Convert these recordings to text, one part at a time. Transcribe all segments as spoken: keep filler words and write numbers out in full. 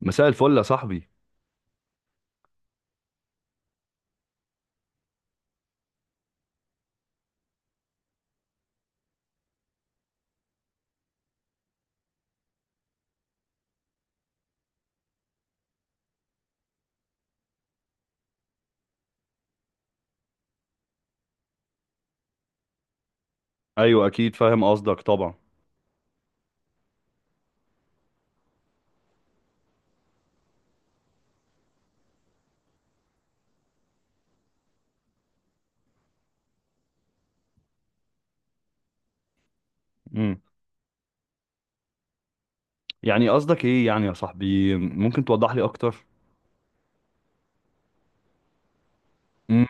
مساء الفل يا صاحبي. ايوه اكيد فاهم قصدك طبعا. امم يعني قصدك ايه يعني يا صاحبي؟ ممكن توضح لي اكتر؟ امم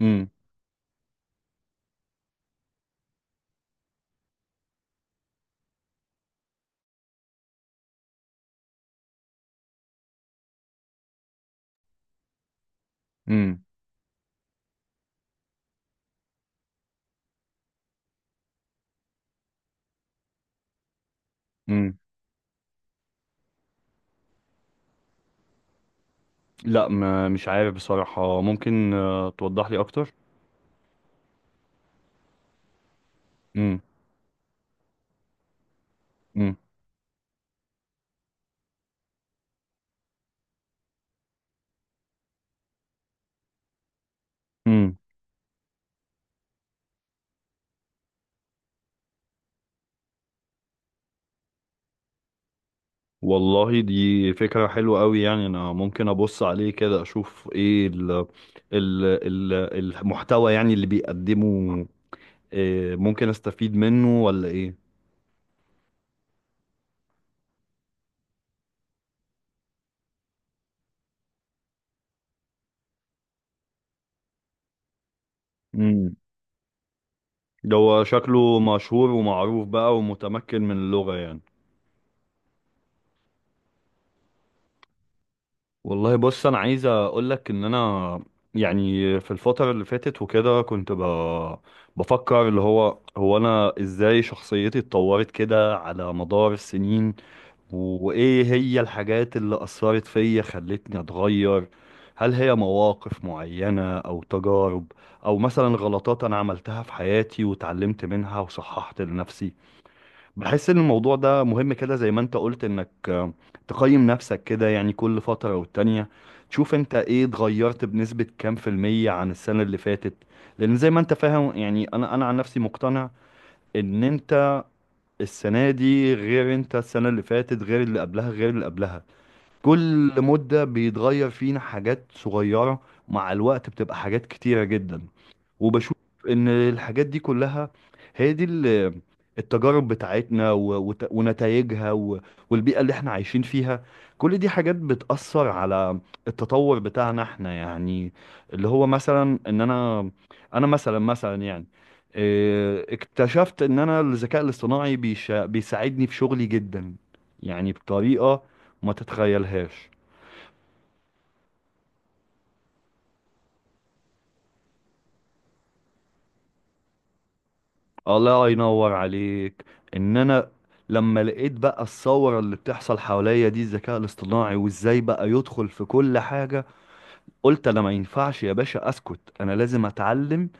امم امم امم لا ما مش عارف بصراحة. ممكن آه، توضح لي اكتر؟ امم امم امم والله دي فكرة حلوة قوي. يعني انا ممكن ابص عليه كده اشوف ايه ال ال ال المحتوى يعني اللي بيقدمه. آه، ممكن استفيد منه ولا ايه؟ ده هو شكله مشهور ومعروف بقى ومتمكن من اللغة يعني. والله بص أنا عايز أقولك إن أنا يعني في الفترة اللي فاتت وكده كنت ب... بفكر اللي هو هو أنا إزاي شخصيتي اتطورت كده على مدار السنين. وإيه هي الحاجات اللي أثرت فيا خلتني أتغير؟ هل هي مواقف معينة أو تجارب، أو مثلا غلطات أنا عملتها في حياتي واتعلمت منها وصححت لنفسي؟ بحس ان الموضوع ده مهم كده زي ما انت قلت انك آه، تقيم نفسك كده، يعني كل فترة والتانية تشوف انت ايه اتغيرت بنسبة كام في المية عن السنة اللي فاتت. لان زي ما انت فاهم يعني انا انا عن نفسي مقتنع ان انت السنة دي غير انت السنة اللي فاتت غير اللي قبلها غير اللي قبلها. كل مدة بيتغير فينا حاجات صغيرة، مع الوقت بتبقى حاجات كتيرة جدا. وبشوف ان الحاجات دي كلها هي دي ال- التجارب بتاعتنا ونتائجها، والبيئة اللي احنا عايشين فيها، كل دي حاجات بتأثر على التطور بتاعنا احنا يعني. اللي هو مثلا ان انا، انا مثلا مثلا يعني إيه، اكتشفت ان انا الذكاء الاصطناعي بيشا- بيساعدني في شغلي جدا، يعني بطريقة ما تتخيلهاش. الله ينور عليك. ان انا لما لقيت بقى الثوره اللي بتحصل حواليا دي الذكاء الاصطناعي وازاي بقى يدخل في كل حاجه، قلت انا ما ينفعش يا باشا اسكت، انا لازم اتعلم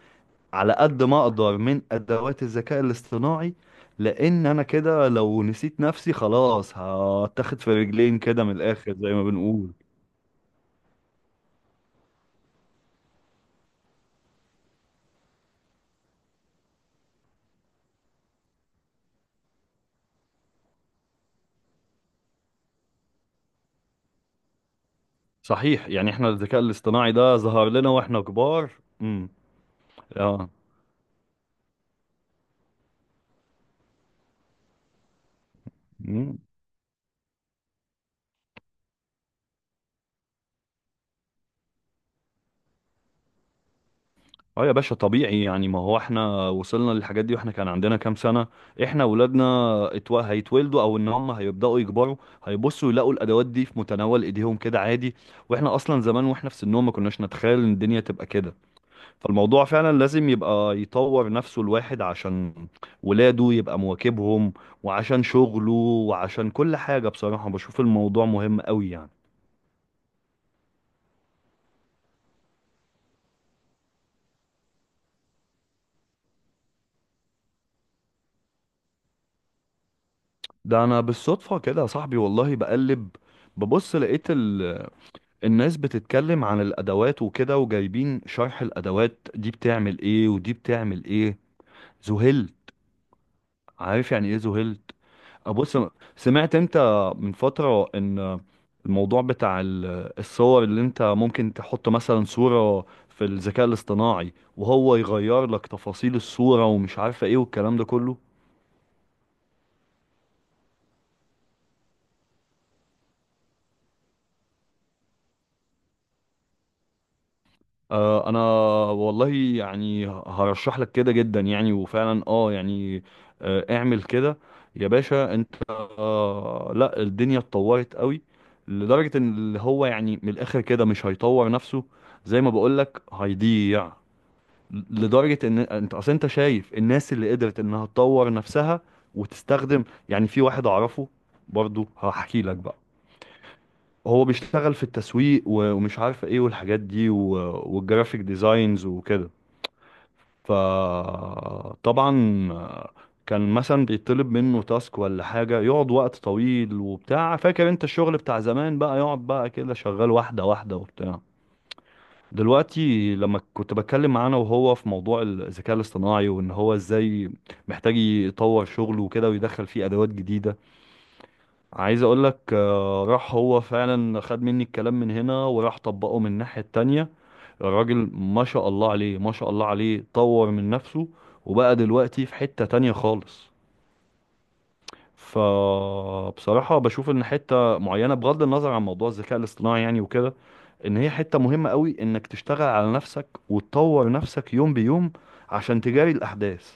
على قد ما اقدر من ادوات الذكاء الاصطناعي. لان انا كده لو نسيت نفسي خلاص هتاخد في رجلين كده من الاخر زي ما بنقول. صحيح، يعني احنا الذكاء الاصطناعي ده ظهر لنا واحنا كبار. امم، اه. اه يا باشا طبيعي يعني، ما هو احنا وصلنا للحاجات دي واحنا كان عندنا كام سنة. احنا ولادنا اتو... هيتولدوا او ان هم هيبدأوا يكبروا، هيبصوا يلاقوا الادوات دي في متناول ايديهم كده عادي. واحنا اصلا زمان واحنا في سنهم ما كناش نتخيل ان الدنيا تبقى كده. فالموضوع فعلا لازم يبقى يطور نفسه الواحد عشان ولاده يبقى مواكبهم، وعشان شغله، وعشان كل حاجة. بصراحة بشوف الموضوع مهم قوي يعني. ده انا بالصدفة كده يا صاحبي والله. بقلب ببص لقيت ال الناس بتتكلم عن الادوات وكده وجايبين شرح الادوات دي بتعمل ايه ودي بتعمل ايه. ذهلت. عارف يعني ايه ذهلت. ابص، سمعت انت من فترة ان الموضوع بتاع ال- الصور اللي انت ممكن تحط مثلا صورة في الذكاء الاصطناعي وهو يغير لك تفاصيل الصورة ومش عارفة ايه والكلام ده كله. آه، انا والله يعني هرشح لك كده جدا يعني. وفعلا اه يعني آه، اعمل كده. يا باشا انت، آه، لا الدنيا اتطورت قوي لدرجة ان اللي هو يعني من الاخر كده مش هيطور نفسه زي ما بقول لك هيضيع. لدرجة ان انت اصل انت شايف الناس اللي قدرت انها تطور نفسها وتستخدم. يعني في واحد اعرفه، برضو هحكي لك بقى. هو بيشتغل في التسويق و- ومش عارف ايه والحاجات دي و- والجرافيك ديزاينز وكده. فطبعا كان مثلا بيطلب منه تاسك ولا حاجة يقعد وقت طويل وبتاع، فاكر انت الشغل بتاع زمان بقى، يقعد بقى كده شغال واحدة واحدة وبتاع. دلوقتي لما كنت بتكلم معاه انا وهو في موضوع الذكاء الاصطناعي وان هو ازاي محتاج يطور شغله وكده ويدخل فيه ادوات جديدة، عايز اقول لك آه، راح هو فعلا خد مني الكلام من هنا وراح طبقه من الناحية التانية. الراجل ما شاء الله عليه ما شاء الله عليه، طور من نفسه وبقى دلوقتي في حتة تانية خالص. فبصراحة بشوف ان حتة معينة، بغض النظر عن موضوع الذكاء الاصطناعي يعني وكده، ان هي حتة مهمة قوي انك تشتغل على نفسك وتطور نفسك يوم بيوم عشان تجاري الاحداث.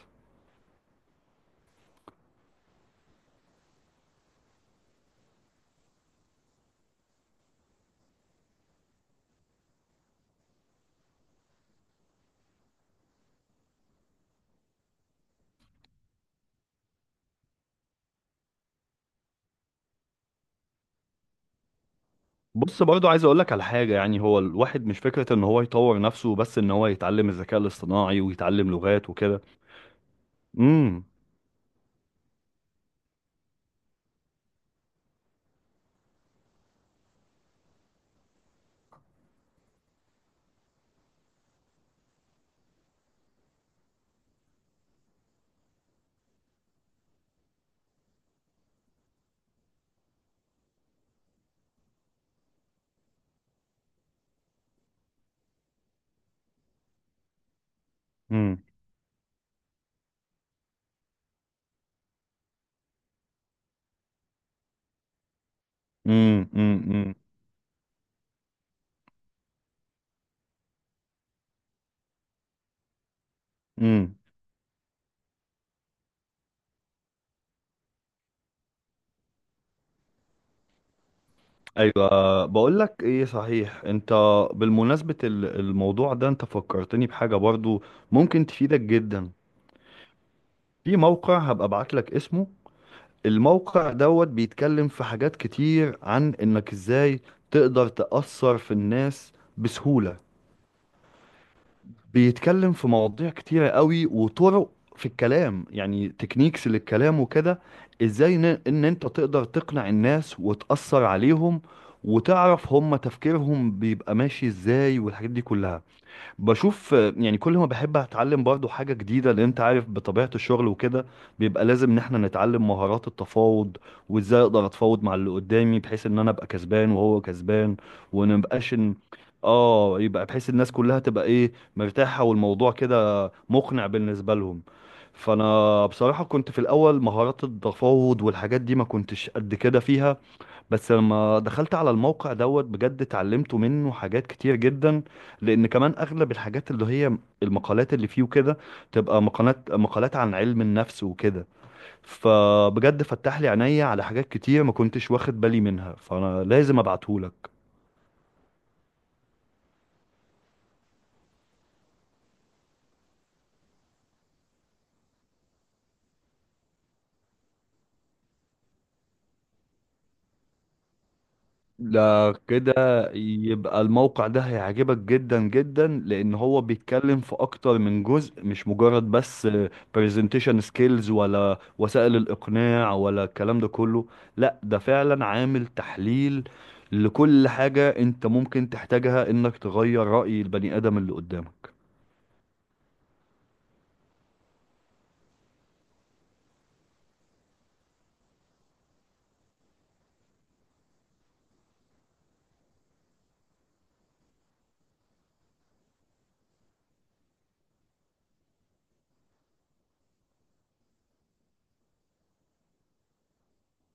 بص برضو عايز اقول لك على حاجه، يعني هو الواحد مش فكره ان هو يطور نفسه بس ان هو يتعلم الذكاء الاصطناعي ويتعلم لغات وكده. امم امم امم امم امم إمم. ايوه بقول لك ايه صحيح انت. بالمناسبه ال- الموضوع ده انت فكرتني بحاجه برضو ممكن تفيدك جدا. في موقع هبقى ابعت لك اسمه، الموقع دوت بيتكلم في حاجات كتير عن انك ازاي تقدر تأثر في الناس بسهوله. بيتكلم في مواضيع كتيرة قوي وطرق في الكلام، يعني تكنيكس للكلام وكده، ازاي ن- ان انت تقدر تقنع الناس وتأثر عليهم وتعرف هم تفكيرهم بيبقى ماشي ازاي والحاجات دي كلها. بشوف آه، يعني كل ما بحب اتعلم برضو حاجة جديدة. لان انت عارف بطبيعة الشغل وكده بيبقى لازم ان احنا نتعلم مهارات التفاوض، وازاي اقدر اتفاوض مع اللي قدامي بحيث ان انا ابقى كسبان وهو كسبان، ونبقاش ان اه، يبقى بحيث الناس كلها تبقى ايه مرتاحة والموضوع كده مقنع بالنسبة لهم. فانا بصراحة كنت في الاول مهارات التفاوض والحاجات دي ما كنتش قد كده فيها، بس لما دخلت على الموقع دوت بجد اتعلمت منه حاجات كتير جدا. لان كمان اغلب الحاجات اللي هي المقالات اللي فيه وكده تبقى مقالات مقالات عن علم النفس وكده. فبجد فتح لي عينيا على حاجات كتير ما كنتش واخد بالي منها، فانا لازم ابعتهولك. ده كده يبقى الموقع ده هيعجبك جدا جدا، لان هو بيتكلم في اكتر من جزء، مش مجرد بس presentation skills ولا وسائل الاقناع ولا الكلام ده كله. لا ده فعلا عامل تحليل لكل حاجة انت ممكن تحتاجها انك تغير رأي البني ادم اللي قدامك.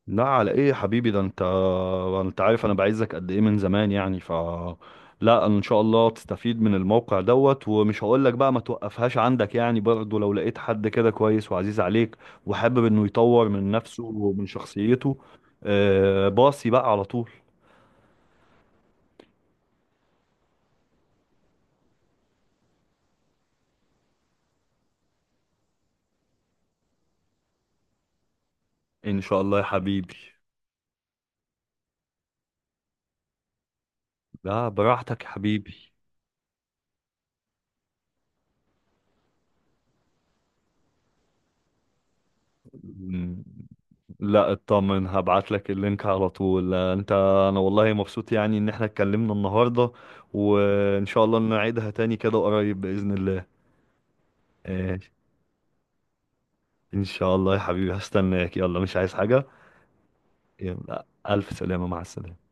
لا على ايه يا حبيبي، ده انت، انت عارف انا بعزك قد ايه من زمان يعني. ف لا انا ان شاء الله تستفيد من الموقع دوت، ومش هقول لك بقى ما توقفهاش عندك يعني، برضه لو لقيت حد كده كويس وعزيز عليك وحابب انه يطور من نفسه ومن شخصيته آه، باصي بقى على طول. ان شاء الله يا حبيبي. لا براحتك يا حبيبي. لا اطمن هبعت لك اللينك على طول. آه، انت انا والله مبسوط يعني ان احنا اتكلمنا النهارده، وان شاء الله نعيدها تاني كده قريب باذن الله. آه، ان شاء الله يا حبيبي هستناك. يلا مش عايز حاجه. يلا الف سلامه، مع السلامه.